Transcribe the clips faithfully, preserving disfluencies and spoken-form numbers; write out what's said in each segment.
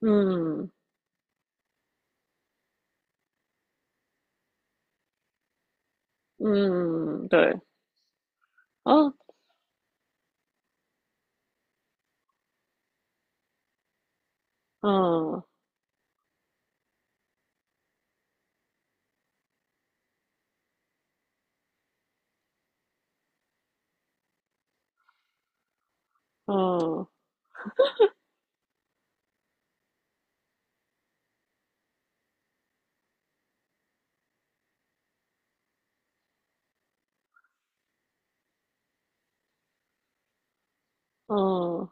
嗯嗯，对啊，嗯嗯嗯，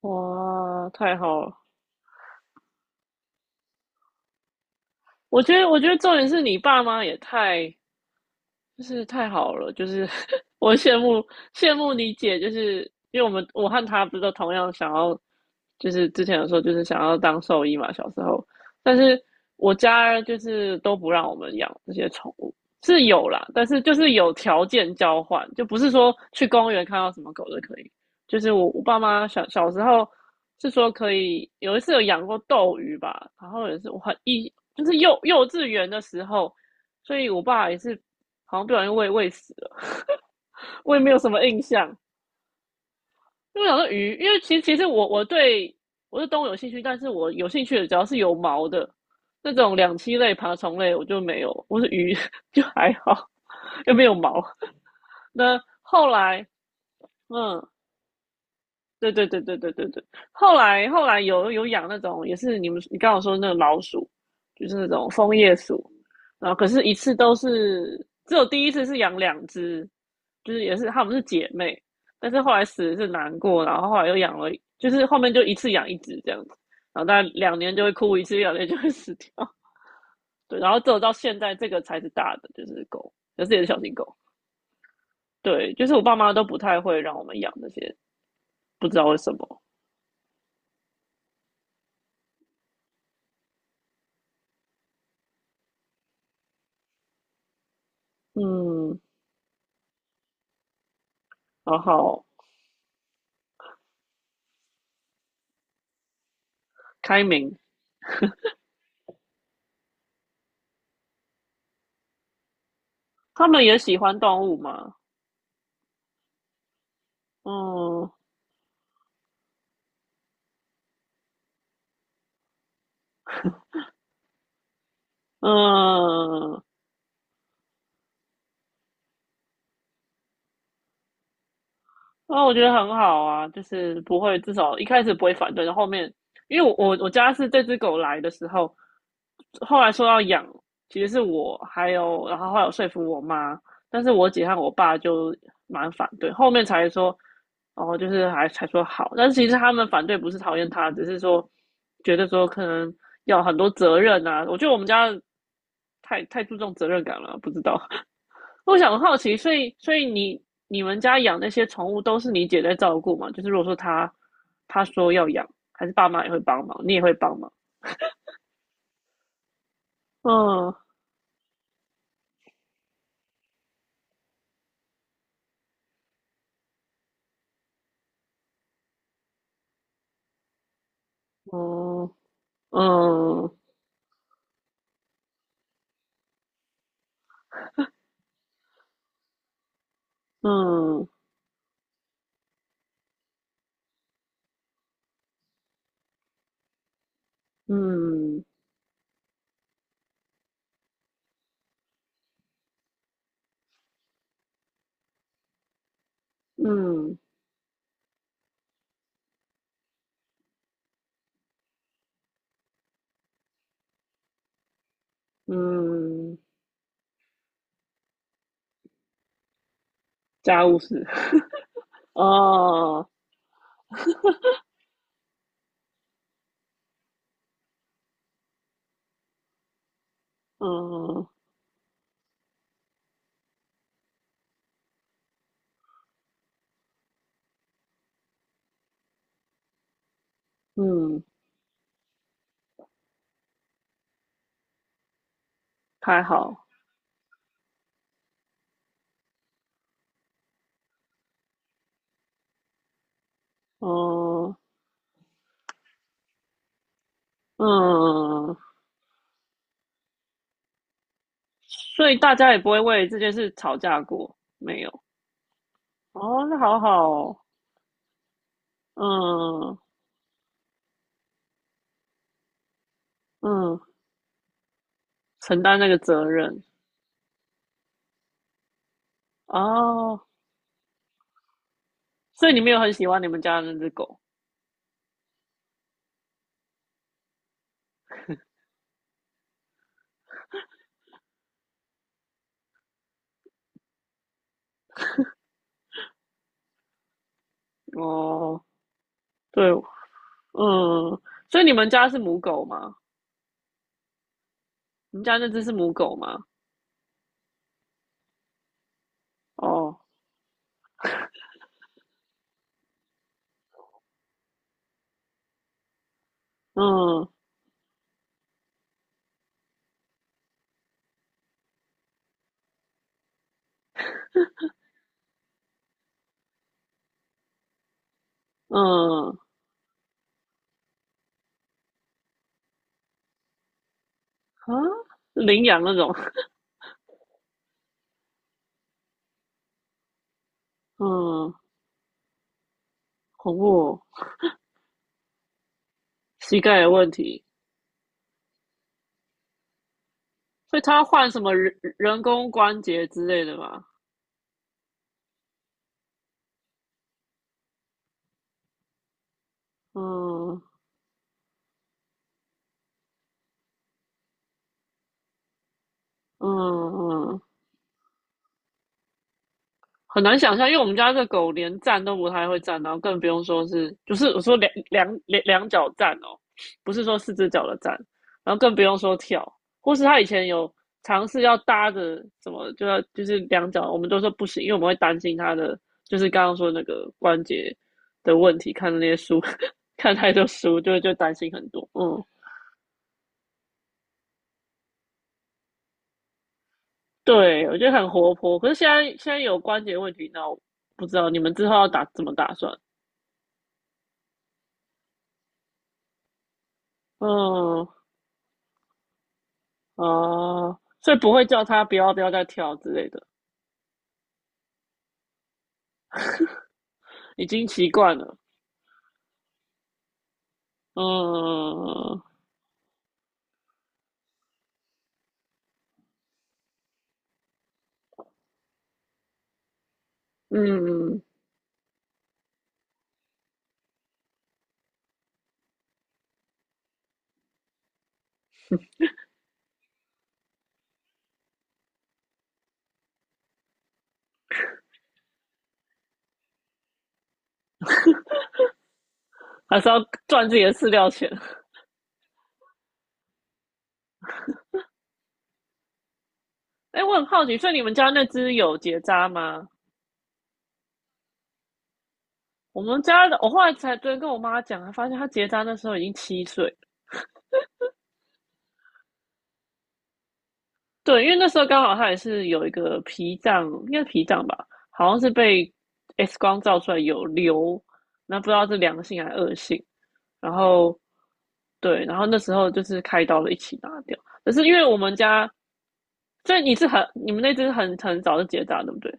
哇，太好了！我觉得，我觉得重点是你爸妈也太就是太好了，就是 我羡慕羡慕你姐，就是因为我们我和她不是都同样想要，就是之前有说就是想要当兽医嘛，小时候，但是我家就是都不让我们养这些宠物，是有啦，但是就是有条件交换，就不是说去公园看到什么狗都可以，就是我我爸妈小小时候是说可以，有一次有养过斗鱼吧，然后也是我很一就是幼幼稚园的时候。所以我爸也是好像不小心喂喂死了，我也没有什么印象。因为我想说鱼，因为其实其实我我对我是动物有兴趣，但是我有兴趣的只要是有毛的那种两栖类、爬虫类，我就没有。我是鱼 就还好，又没有毛。那后来，嗯，对对对对对对对。后来后来有有养那种，也是你们你刚刚说那个老鼠，就是那种枫叶鼠，然后可是一次都是只有第一次是养两只，就是也是它们是姐妹，但是后来死的是难过，然后后来又养了，就是后面就一次养一只这样子，然后大概两年就会哭一次，两年就会死掉。对，然后只有到现在这个才是大的，就是狗，可是也是小型狗。对，就是我爸妈都不太会让我们养这些，不知道为什么。嗯，然后开明，他们也喜欢动物嘛，嗯嗯，啊，我觉得很好啊，就是不会，至少一开始不会反对，然后后面，因为我我我家是这只狗来的时候，后来说要养，其实是我还有，然后后来有说服我妈，但是我姐和我爸就蛮反对，后面才说，哦，就是还才说好，但是其实他们反对不是讨厌它，只是说觉得说可能要很多责任啊，我觉得我们家太太注重责任感了，不知道，我想好奇，所以所以你你们家养那些宠物都是你姐在照顾吗？就是如果说她她说要养，还是爸妈也会帮忙，你也会帮忙？嗯，哦，嗯嗯嗯嗯嗯，家务事。哦，嗯嗯，还好。哦嗯，所以大家也不会为这件事吵架过，没有。哦，那好好哦嗯嗯。承担那个责任哦。所以你没有很喜欢你们家的那只狗哦？对，嗯，所以你们家是母狗吗？你们家那只是母狗吗？哦，嗯嗯啊，领养那种，嗯，恐怖哦、膝盖有问题，所以它换什么人人工关节之类的吗？嗯嗯嗯。很难想象，因为我们家这狗连站都不太会站，然后更不用说是，就是我说两两两两脚站哦，不是说四只脚的站，然后更不用说跳，或是它以前有尝试要搭着什么，就要就是两脚，我们都说不行，因为我们会担心它的，就是刚刚说那个关节的问题，看那些书，看太多书就就担心很多，嗯，对我觉得很活泼，可是现在现在有关节问题，那我不知道你们之后要打怎么打算，嗯。哦，所以不会叫他不要不要再跳之类的，已经习惯了。嗯嗯，还是要赚自己的饲料钱。哎，我很好奇，所以你们家那只有结扎吗？我们家的，我后来才昨天跟我妈讲，她发现她结扎那时候已经七岁。对，因为那时候刚好她也是有一个脾脏，应该是脾脏吧，好像是被 X 光照出来有瘤，那不知道是良性还是恶性。然后对，然后那时候就是开刀了一起拿掉，可是因为我们家，所以你是很你们那只很很早就结扎，对不对？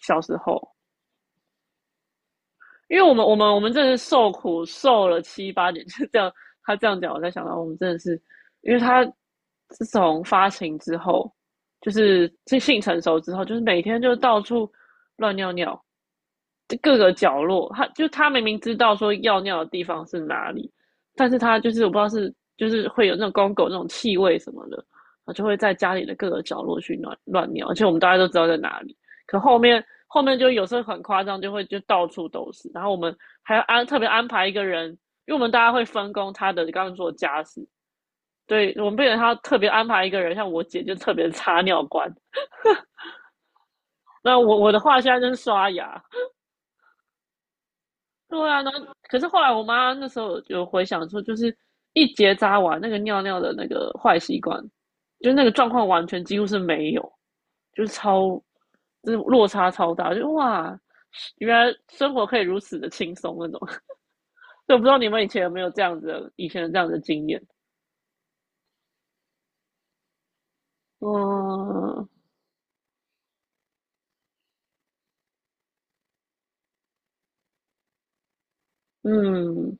小时候因为我们我们我们真的是受苦受了七八年，就这样。他这样讲，我才想到我们真的是，因为他自从发情之后，就是这性成熟之后，就是每天就到处乱尿尿，就各个角落。他就他明明知道说要尿的地方是哪里，但是他就是我不知道是就是会有那种公狗那种气味什么的，他就会在家里的各个角落去乱乱尿，而且我们大家都知道在哪里。可后面后面就有时候很夸张，就会就到处都是。然后我们还要安特别安排一个人，因为我们大家会分工他的刚刚做家事，对我们变成他特别安排一个人，像我姐就特别擦尿罐。那我我的话现在就是刷牙，对啊，然后可是后来我妈那时候有回想说，就是一结扎完那个尿尿的那个坏习惯，就是那个状况完全几乎是没有，就是超，就是落差超大，就哇，原来生活可以如此的轻松那种。所以我不知道你们以前有没有这样子的，以前的这样的经验。嗯嗯，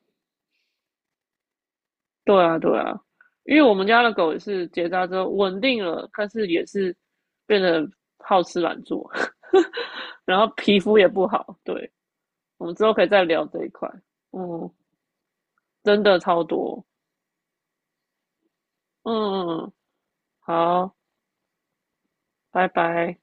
对啊对啊，因为我们家的狗也是结扎之后稳定了，但是也是变得好吃懒做，然后皮肤也不好。对，我们之后可以再聊这一块。嗯，真的超多。嗯，好，拜拜。